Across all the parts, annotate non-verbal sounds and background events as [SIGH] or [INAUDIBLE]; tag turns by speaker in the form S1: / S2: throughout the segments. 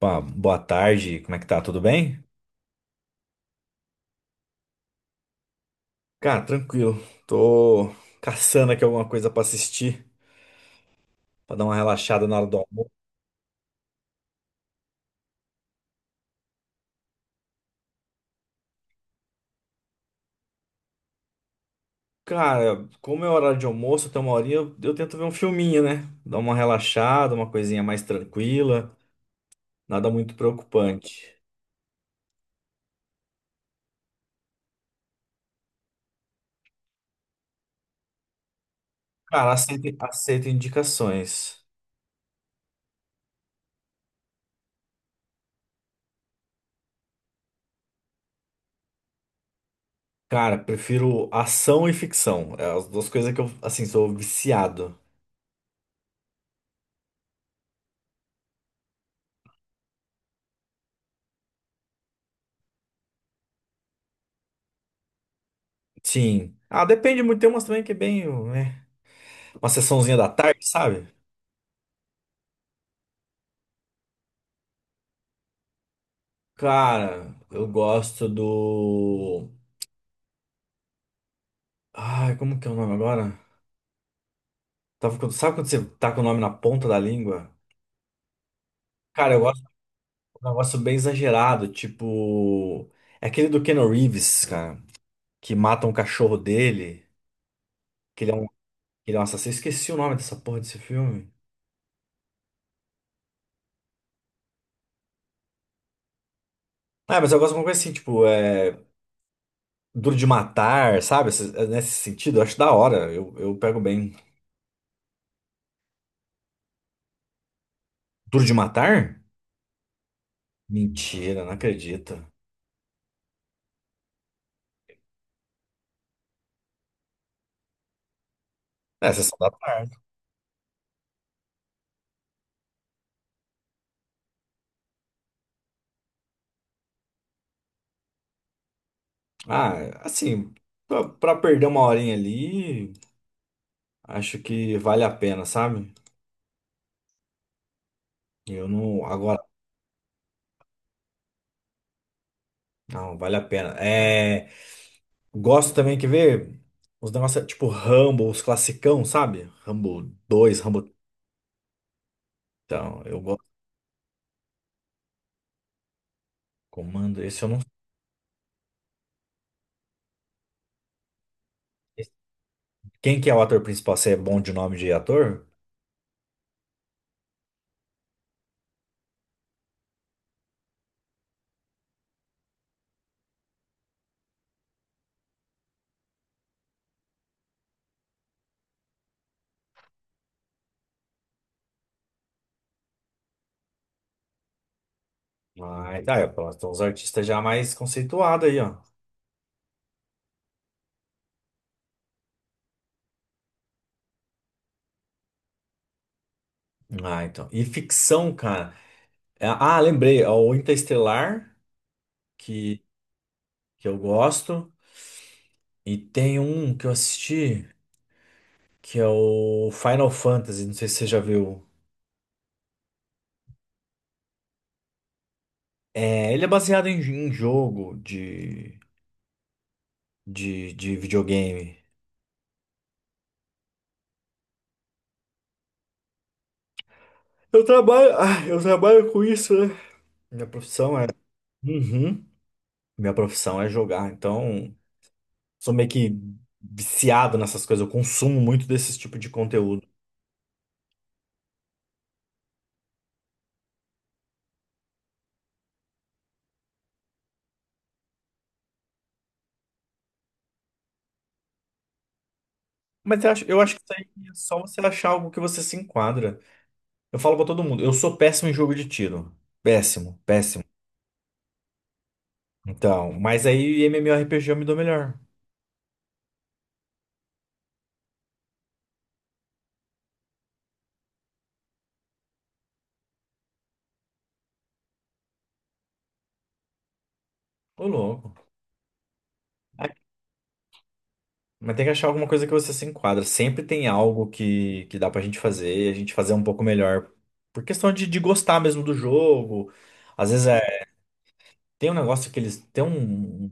S1: Opa, boa tarde, como é que tá? Tudo bem? Cara, tranquilo. Tô caçando aqui alguma coisa pra assistir, pra dar uma relaxada na hora do almoço. Cara, como é horário de almoço, até uma horinha, eu tento ver um filminho, né? Dar uma relaxada, uma coisinha mais tranquila, nada muito preocupante. Cara, aceito, aceito indicações. Cara, prefiro ação e ficção. É as duas coisas que eu, assim, sou viciado. Sim. Ah, depende muito. Tem umas também que é bem, né? Uma sessãozinha da tarde, sabe? Cara, eu gosto do. Ai, como que é o nome agora? Sabe quando você tá com o nome na ponta da língua? Cara, eu gosto de um negócio bem exagerado, tipo. É aquele do Keanu Reeves, cara, que mata um cachorro dele, que ele é um assassino. Esqueci o nome dessa porra desse filme. Ah, mas eu gosto de uma coisa assim, tipo, é. Duro de matar, sabe? Nesse sentido, eu acho da hora. Eu pego bem. Duro de matar? Mentira, não acredito. É, Sessão da Tarde. Ah, assim, pra perder uma horinha ali, acho que vale a pena, sabe? Eu não. Agora, não, vale a pena. É, gosto também, quer ver? Os negócios tipo Rambo, os classicão, sabe? Rambo dois, Rambo. Então, eu gosto. Comando, esse eu não sei. Quem que é o ator principal? Você é bom de nome de ator? Ah, tá, é, pronto. Então, os artistas já mais conceituados aí, ó. Ah, então. E ficção, cara. Ah, lembrei, ó, o Interestelar, que, que eu gosto. E tem um que eu assisti, que é o Final Fantasy, não sei se você já viu. É, ele é baseado em jogo de, de videogame. Eu trabalho, ah, eu trabalho com isso, né? Minha profissão é. Uhum. Minha profissão é jogar, então sou meio que viciado nessas coisas, eu consumo muito desse tipo de conteúdo. Mas eu acho que isso aí é só você achar algo que você se enquadra. Eu falo pra todo mundo, eu sou péssimo em jogo de tiro. Péssimo, péssimo. Então, mas aí MMORPG eu me dou melhor. Ô, louco. Ai, mas tem que achar alguma coisa que você se enquadra. Sempre tem algo que dá pra gente fazer, a gente fazer um pouco melhor. Por questão de gostar mesmo do jogo. Às vezes é, tem um negócio que eles tem um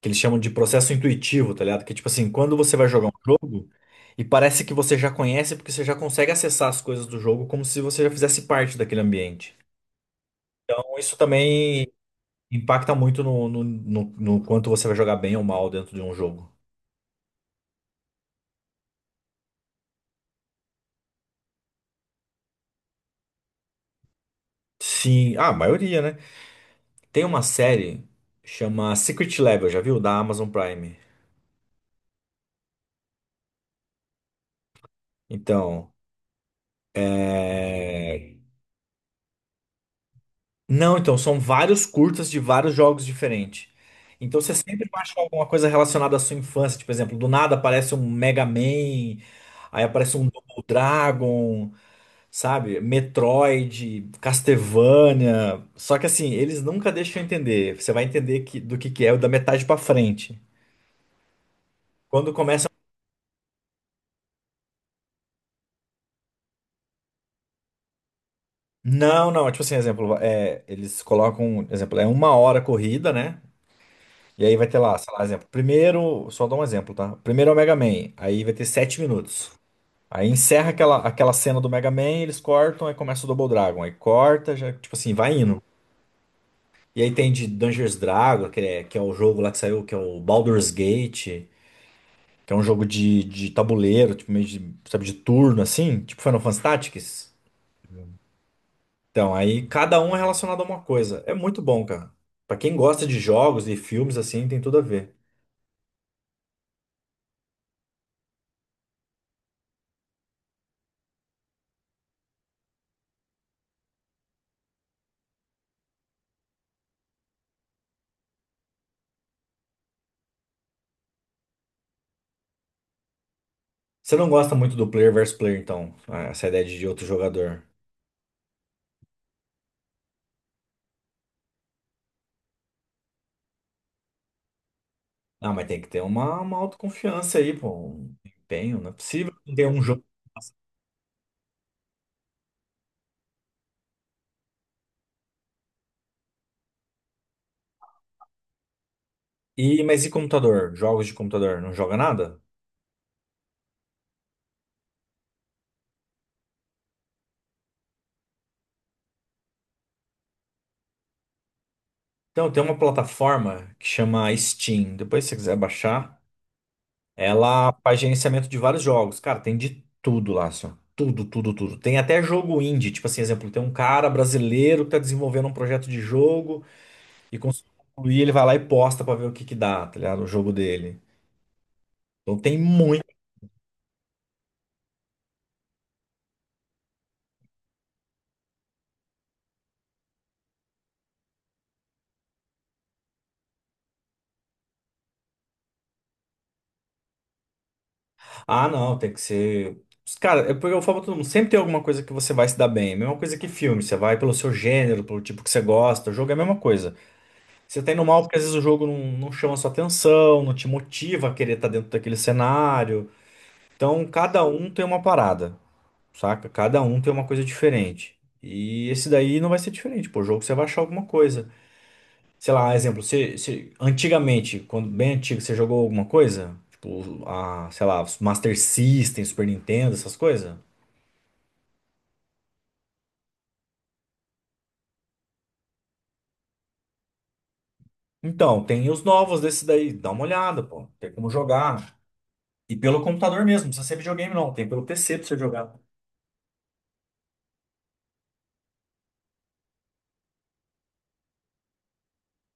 S1: que eles chamam de processo intuitivo, tá ligado? Que tipo assim, quando você vai jogar um jogo e parece que você já conhece porque você já consegue acessar as coisas do jogo como se você já fizesse parte daquele ambiente. Então, isso também impacta muito no quanto você vai jogar bem ou mal dentro de um jogo. Sim, ah, a maioria, né? Tem uma série chama Secret Level, já viu? Da Amazon Prime. Então, é... Não, então, são vários curtas de vários jogos diferentes. Então você sempre vai achar alguma coisa relacionada à sua infância. Tipo, por exemplo, do nada aparece um Mega Man, aí aparece um Double Dragon. Sabe? Metroid, Castlevania. Só que assim, eles nunca deixam eu entender. Você vai entender que é o da metade pra frente. Quando começa. Não, não, tipo assim, exemplo, é, eles colocam, exemplo, é uma hora a corrida, né? E aí vai ter lá, sei lá, exemplo, primeiro, só dou um exemplo, tá? Primeiro é o Mega Man, aí vai ter sete minutos. Aí encerra aquela cena do Mega Man, eles cortam, aí começa o Double Dragon, aí corta, já, tipo assim, vai indo. E aí tem de Dungeons Dragon, que é o jogo lá que saiu, que é o Baldur's Gate. Que é um jogo de tabuleiro, tipo, meio de, sabe, de turno, assim. Tipo Final Fantasy Tactics. Então, aí cada um é relacionado a uma coisa. É muito bom, cara. Pra quem gosta de jogos e filmes, assim, tem tudo a ver. Você não gosta muito do player versus player, então. Ah, essa ideia de outro jogador. Ah, mas tem que ter uma autoconfiança aí, pô. Um empenho. Não é possível que não ter um jogo. E, mas e computador? Jogos de computador? Não joga nada? Então, tem uma plataforma que chama Steam. Depois, se você quiser baixar. Ela faz gerenciamento de vários jogos. Cara, tem de tudo lá, assim, ó. Tudo, tudo, tudo. Tem até jogo indie. Tipo assim, exemplo, tem um cara brasileiro que tá desenvolvendo um projeto de jogo e conseguiu concluir, ele vai lá e posta pra ver o que que dá, tá ligado? O jogo dele. Então tem muito. Ah, não, tem que ser. Cara, é porque eu falo pra todo mundo, sempre tem alguma coisa que você vai se dar bem. Mesma coisa que filme, você vai pelo seu gênero, pelo tipo que você gosta. O jogo é a mesma coisa. Você tá indo mal porque às vezes o jogo não chama sua atenção, não te motiva a querer estar dentro daquele cenário. Então, cada um tem uma parada, saca? Cada um tem uma coisa diferente. E esse daí não vai ser diferente, pô. O jogo você vai achar alguma coisa. Sei lá, exemplo, antigamente, quando bem antigo, você jogou alguma coisa? Tipo, a, sei lá, Master System, Super Nintendo, essas coisas? Então, tem os novos desse daí. Dá uma olhada, pô. Tem como jogar. E pelo computador mesmo, não precisa ser videogame, não. Tem pelo PC pra você jogar.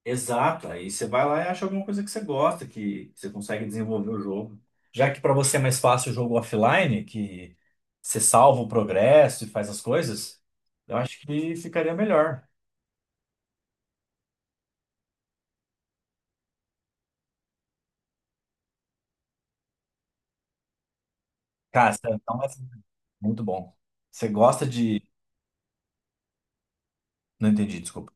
S1: Exato, aí você vai lá e acha alguma coisa que você gosta, que você consegue desenvolver o jogo. Já que para você é mais fácil o jogo offline, que você salva o progresso e faz as coisas, eu acho que ficaria melhor. Cara, então é muito bom. Você gosta de. Não entendi, desculpa.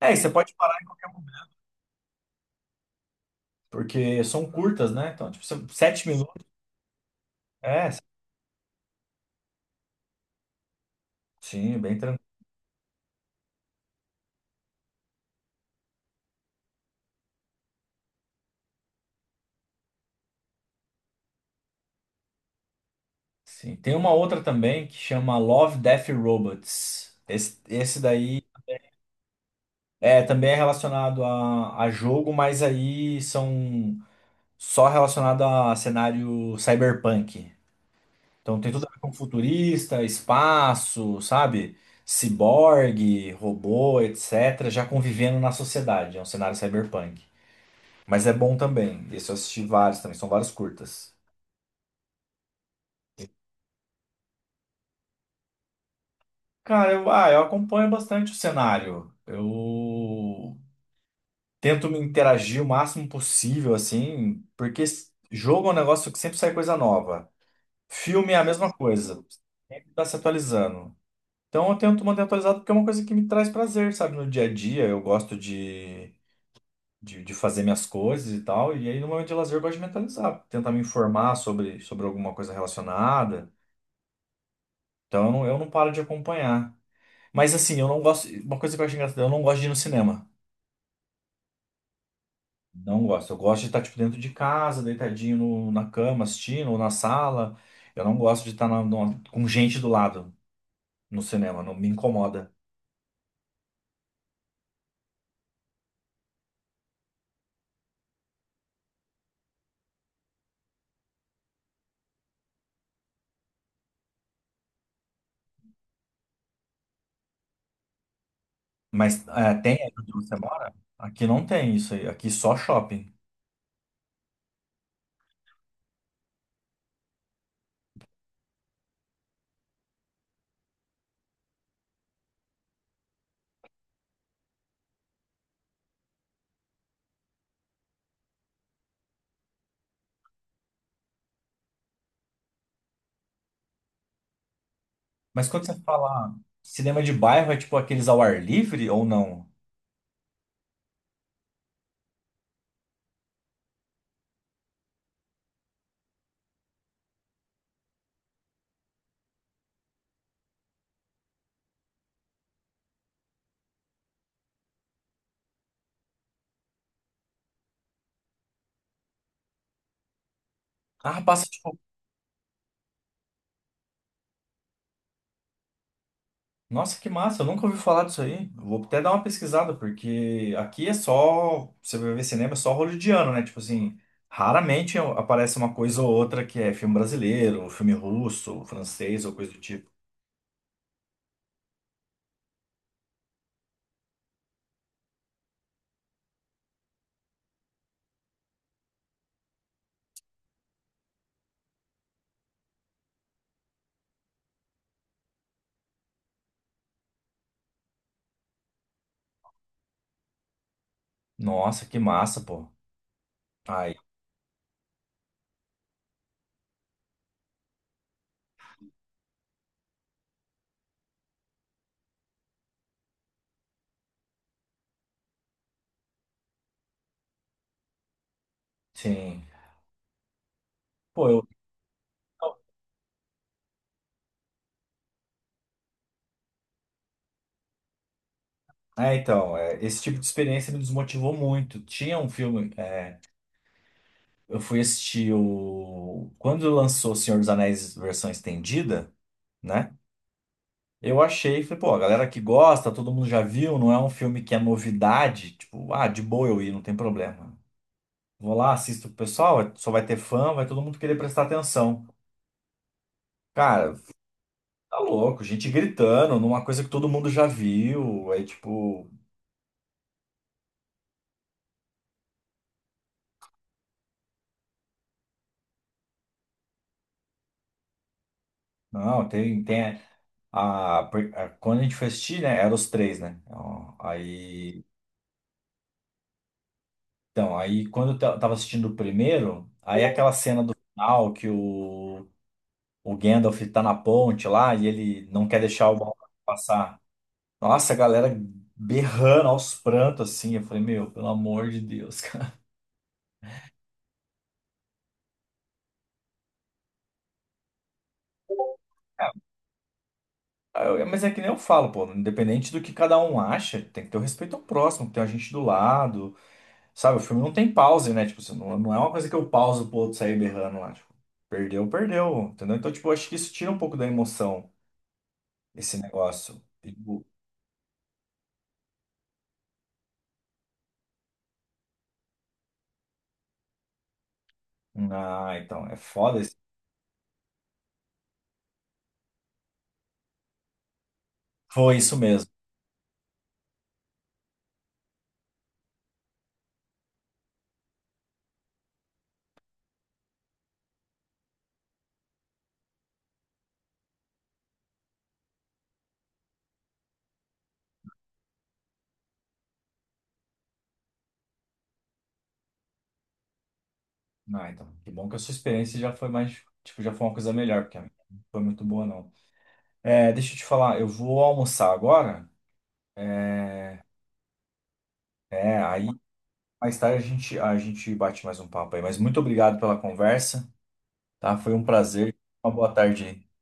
S1: É, e você pode parar em qualquer momento, porque são curtas, né? Então, tipo, são sete minutos. É, sim, bem tranquilo. Sim. Tem uma outra também que chama Love, Death e Robots. Esse daí. É, também é relacionado a jogo, mas aí são só relacionado a cenário cyberpunk. Então tem tudo a ver com futurista, espaço, sabe? Ciborgue, robô, etc. Já convivendo na sociedade. É um cenário cyberpunk. Mas é bom também. Esse eu assisti vários também, são vários curtas. Cara, eu, ah, eu acompanho bastante o cenário. Eu tento me interagir o máximo possível, assim, porque jogo é um negócio que sempre sai coisa nova. Filme é a mesma coisa, sempre tá se atualizando. Então eu tento manter atualizado porque é uma coisa que me traz prazer, sabe? No dia a dia eu gosto de, de fazer minhas coisas e tal, e aí no momento de lazer eu gosto de mentalizar, tentar me informar sobre, sobre alguma coisa relacionada. Então eu não paro de acompanhar. Mas assim, eu não gosto. Uma coisa que eu acho engraçada, eu não gosto de ir no cinema. Não gosto. Eu gosto de estar, tipo, dentro de casa, deitadinho na cama, assistindo, ou na sala. Eu não gosto de estar com gente do lado no cinema, não me incomoda. Mas é, tem aí onde você mora? Aqui não tem isso aí, aqui só shopping. Mas quando você fala cinema de bairro, é tipo aqueles ao ar livre ou não? Ah, passa, tipo, nossa, que massa, eu nunca ouvi falar disso aí. Eu vou até dar uma pesquisada, porque aqui é só. Você vai ver cinema, é só hollywoodiano, né? Tipo assim, raramente aparece uma coisa ou outra que é filme brasileiro, filme russo, francês ou coisa do tipo. Nossa, que massa, pô. Aí, sim. Pô, eu. É, então, é, esse tipo de experiência me desmotivou muito. Tinha um filme. É, eu fui assistir o. Quando lançou Senhor dos Anéis versão estendida, né? Eu achei, falei, pô, a galera que gosta, todo mundo já viu, não é um filme que é novidade, tipo, ah, de boa eu ir, não tem problema. Vou lá, assisto com o pessoal, só vai ter fã, vai todo mundo querer prestar atenção. Cara, tá louco, gente gritando numa coisa que todo mundo já viu, aí tipo, não, tem a, quando a gente foi assistir, né, eram os três, né, ó, aí, então, aí quando eu tava assistindo o primeiro, aí aquela cena do final que o Gandalf tá na ponte lá e ele não quer deixar o Balrog passar. Nossa, a galera berrando aos prantos assim. Eu falei, meu, pelo amor de Deus, [LAUGHS] cara. Mas é que nem eu falo, pô, independente do que cada um acha, tem que ter o respeito ao próximo, tem a gente do lado, sabe? O filme não tem pause, né? Tipo, você não, não é uma coisa que eu pauso pro outro sair berrando lá, tipo, perdeu, perdeu, entendeu? Então, tipo, eu acho que isso tira um pouco da emoção, esse negócio. Tipo, ah, então, é foda. Foi isso mesmo. Ah, então, que bom que a sua experiência já foi mais, tipo, já foi uma coisa melhor, porque a minha não foi muito boa, não. É, deixa eu te falar, eu vou almoçar agora, é, é, aí mais tarde a gente bate mais um papo aí, mas muito obrigado pela conversa, tá? Foi um prazer, uma boa tarde aí.